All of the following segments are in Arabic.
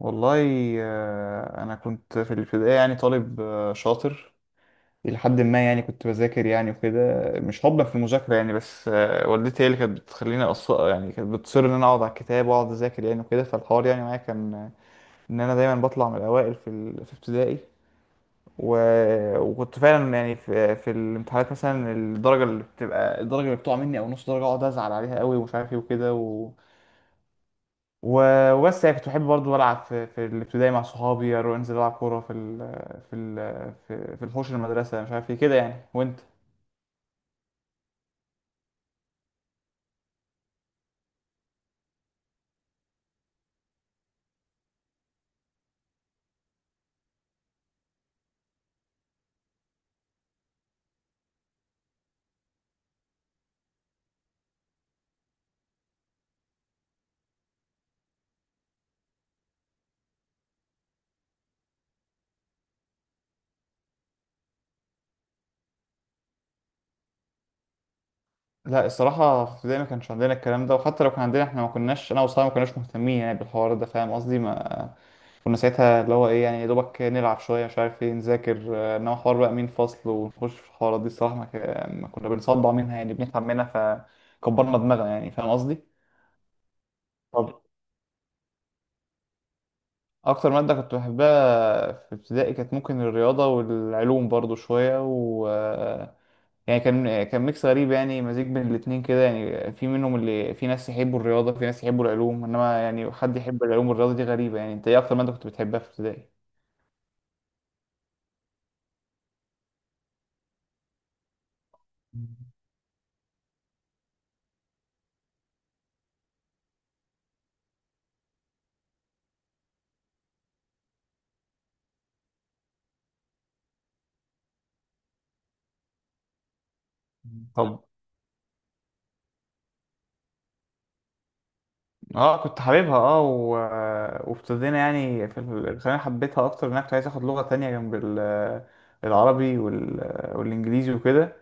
والله انا كنت في الابتدائي يعني طالب شاطر الى حد ما. يعني كنت بذاكر يعني وكده، مش حبا في المذاكره يعني، بس والدتي هي اللي كانت بتخليني يعني كانت بتصر ان انا اقعد على الكتاب واقعد اذاكر يعني وكده. فالحوار يعني معايا كان ان انا دايما بطلع من الاوائل في ابتدائي. و... وكنت فعلا يعني في الامتحانات مثلا، الدرجه اللي بتقع مني او نص درجه اقعد ازعل عليها قوي ومش عارف ايه وكده وبس. يعني كنت بحب برضه ألعب في الابتدائي مع صحابي، أروح أنزل ألعب كورة في ال في الحوش المدرسة، مش عارف إيه كده يعني. وأنت؟ لا الصراحة في ابتدائي ما كانش عندنا الكلام ده، وحتى لو كان عندنا إحنا ما كناش، أنا وصحابي ما كناش مهتمين يعني بالحوار ده. فاهم قصدي؟ ما كنا ساعتها اللي هو إيه، يعني يا دوبك نلعب شوية مش عارف إيه، نذاكر إنما حوار بقى مين فصل ونخش في الحوارات دي الصراحة، ما كنا بنصدع منها يعني بنتعب منها. فكبرنا دماغنا يعني. فاهم قصدي؟ اكتر ماده كنت بحبها في ابتدائي كانت ممكن الرياضه، والعلوم برضو شويه. يعني كان ميكس غريب يعني، مزيج بين الاتنين كده يعني. في منهم اللي، في ناس يحبوا الرياضه، في ناس يحبوا العلوم، انما يعني حد يحب العلوم والرياضه دي غريبه يعني. انت ايه اكتر ماده كنت بتحبها في ابتدائي؟ طب اه كنت حاببها اه وابتدينا يعني الثانوية حبيتها اكتر، ان انا كنت عايز اخد لغة تانية جنب العربي والانجليزي وكده.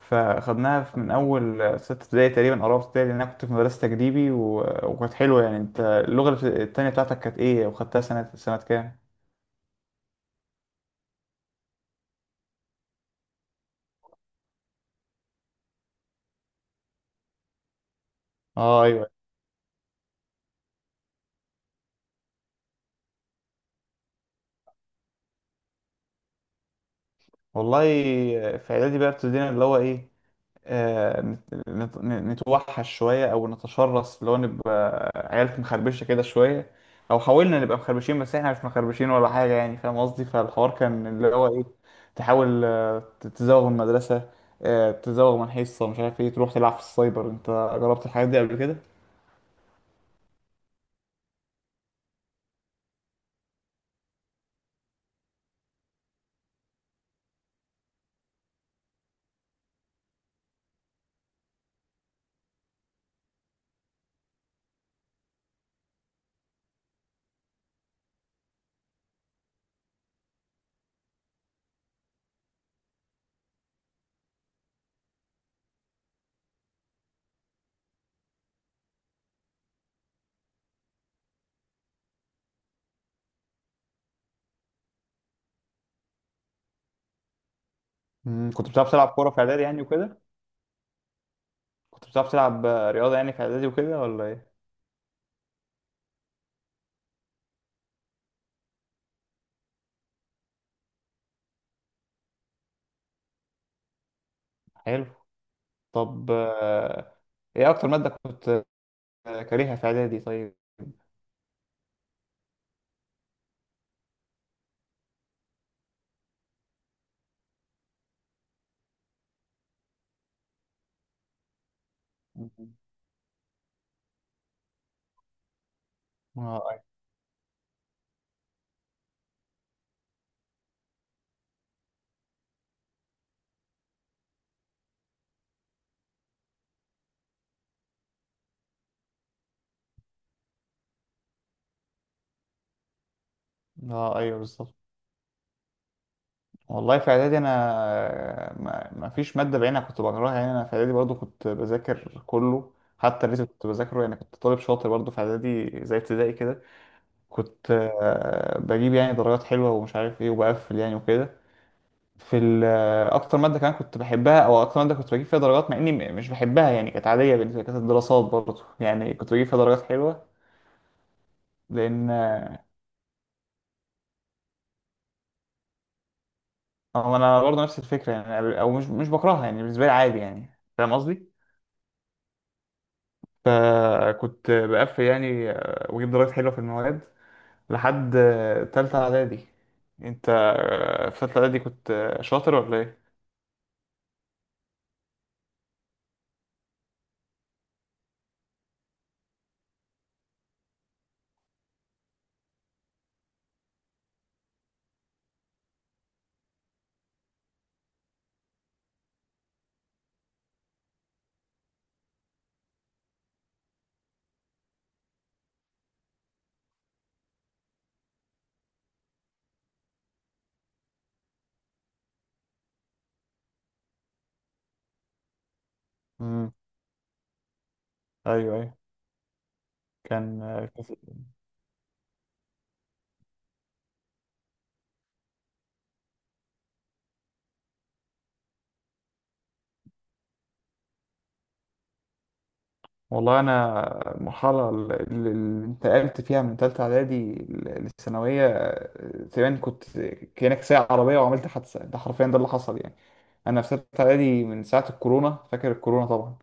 فاخدناها من اول ستة ابتدائي تقريبا او رابعة ابتدائي، لان انا كنت في مدرسة تجريبي وكانت حلوة يعني. انت اللغة التانية بتاعتك كانت ايه، وخدتها سنة سنة كام؟ اه ايوه. والله في اعدادي بقى ابتدينا اللي هو ايه، آه، نت- نت- نتوحش شوية أو نتشرس، اللي هو نبقى عيال مخربشة كده شوية، أو حاولنا نبقى مخربشين، بس إحنا مش مخربشين ولا حاجة يعني. فاهم قصدي؟ فالحوار كان اللي هو إيه، تحاول تزوغ من المدرسة، تزوغ من حصة مش عارف إيه، تروح تلعب في السايبر. أنت جربت الحاجات دي قبل كده؟ مم، كنت بتعرف تلعب كورة في إعدادي يعني وكده؟ كنت بتعرف تلعب رياضة يعني في إعدادي وكده ولا إيه؟ حلو. طب إيه أكتر مادة كنت كارهها في إعدادي طيب؟ مم. اه ايوه بالظبط. والله في اعدادي انا، ما فيش ماده بعينها كنت بكرهها يعني. انا في اعدادي برضو كنت بذاكر كله، حتى الريتم كنت بذاكره يعني. كنت طالب شاطر برضو في اعدادي زي ابتدائي كده. كنت بجيب يعني درجات حلوه، ومش عارف ايه، وبقفل يعني وكده. في ال- آه، اكتر ماده كمان كنت بحبها، او اكتر ماده كنت بجيب فيها درجات مع اني مش بحبها يعني، كانت عاديه بالنسبه لي، كانت الدراسات برضو يعني كنت بجيب فيها درجات حلوه. لان انا برضو نفس الفكره يعني، او مش بكرهها يعني، بالنسبه لي عادي يعني. فاهم قصدي؟ فكنت بقفل يعني، واجيب درجات حلوه في المواد لحد تالتة اعدادي. انت في تالتة اعدادي كنت شاطر ولا ايه؟ امم ايوه ايوه. كان آه، كان- والله انا المرحله اللي اللي انتقلت فيها من تالتة اعدادي للثانويه تقريبا كنت كانك سايق عربيه وعملت حادثه، ده حرفيا ده اللي حصل يعني. انا في تالتة اعدادي من ساعه الكورونا، فاكر الكورونا طبعا؟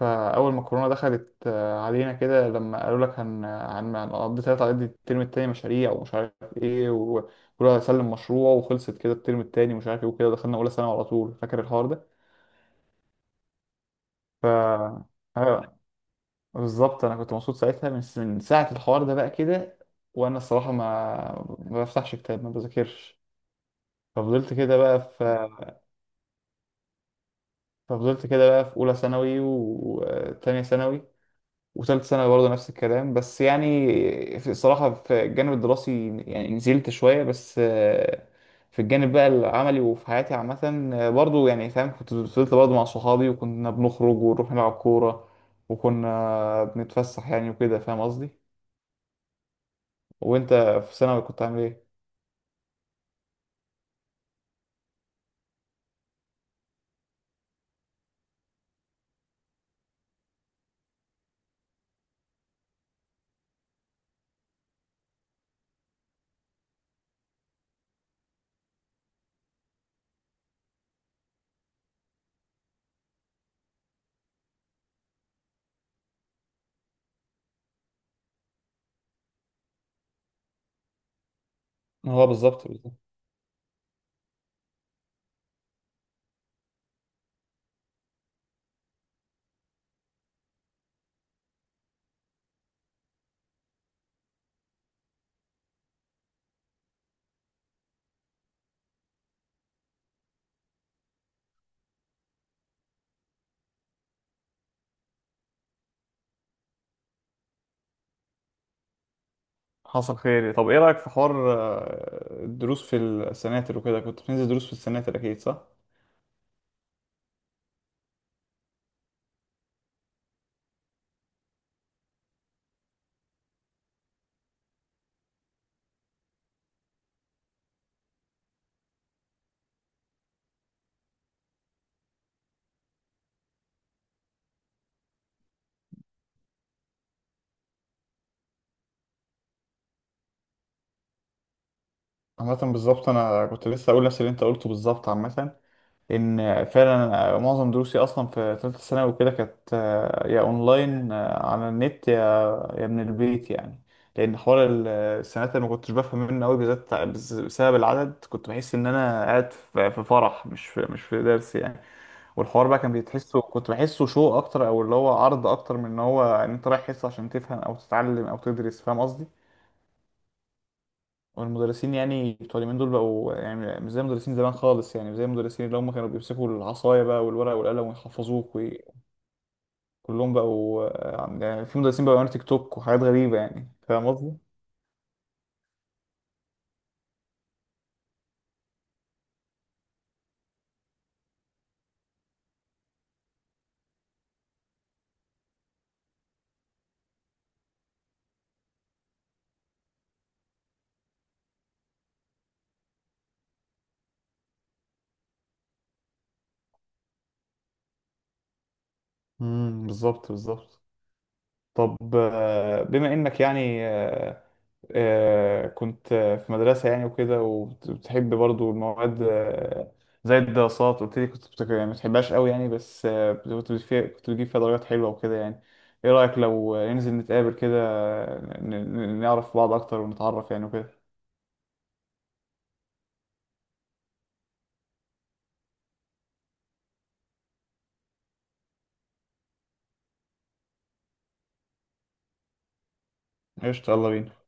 فأول ما الكورونا دخلت علينا كده، لما قالوا لك هنقضي تلات على قد الترم التاني مشاريع ومش عارف ايه، وكل واحد سلم مشروع، وخلصت كده الترم التاني ومش عارف ايه وكده، دخلنا أولى ثانوي على طول. فاكر الحوار ده؟ ف آه، بالظبط، أنا كنت مبسوط ساعتها من ساعة الحوار ده بقى كده. وأنا الصراحة ما بفتحش كتاب، ما بذاكرش. ففضلت كده بقى في ففضلت كده بقى في أولى ثانوي وتانية ثانوي وثالث ثانوي برضه نفس الكلام، بس يعني في الصراحة في الجانب الدراسي يعني نزلت شوية. بس في الجانب بقى العملي وفي حياتي عامة، برضه يعني فاهم، كنت فضلت برضه مع صحابي، وكنا بنخرج ونروح نلعب كورة، وكنا بنتفسح يعني وكده، فاهم قصدي؟ وانت في ثانوي كنت عامل ايه؟ هو بالظبط بالظبط. حصل خير إيه؟ طب ايه رأيك في حوار الدروس في السناتر، وكده كنت بتنزل دروس في السناتر اكيد صح؟ عامة بالظبط انا كنت لسه اقول نفس اللي انت قلته بالظبط. عامة ان فعلا معظم دروسي اصلا في ثالثه ثانوي وكده كانت يا اونلاين على النت، يا من البيت يعني. لان حوار السنات اللي ما كنتش بفهم منه قوي بالذات بسبب العدد، كنت بحس ان انا قاعد في فرح مش في درس يعني. والحوار بقى كان بيتحسه، كنت بحسه شو اكتر، او اللي هو عرض اكتر من ان هو ان انت رايح حصه عشان تفهم او تتعلم او تدرس. فاهم قصدي؟ والمدرسين يعني بتوع اليومين دول بقوا يعني مش زي مدرسين زمان خالص يعني، مش زي المدرسين اللي هم كانوا بيمسكوا العصاية بقى والورق والقلم ويحفظوك. وكلهم بقوا يعني في مدرسين بقوا يعملوا تيك توك وحاجات غريبة يعني. فاهم قصدي؟ بالظبط بالظبط. طب بما انك يعني كنت في مدرسة يعني وكده، وبتحب برضو المواد زي الدراسات قلت لي، كنت يعني ما بتحبهاش قوي يعني، بس كنت بتجيب فيها درجات حلوة وكده يعني. ايه رأيك لو ننزل نتقابل كده، ن- نعرف بعض اكتر ونتعرف يعني وكده؟ قشطة يلا بينا.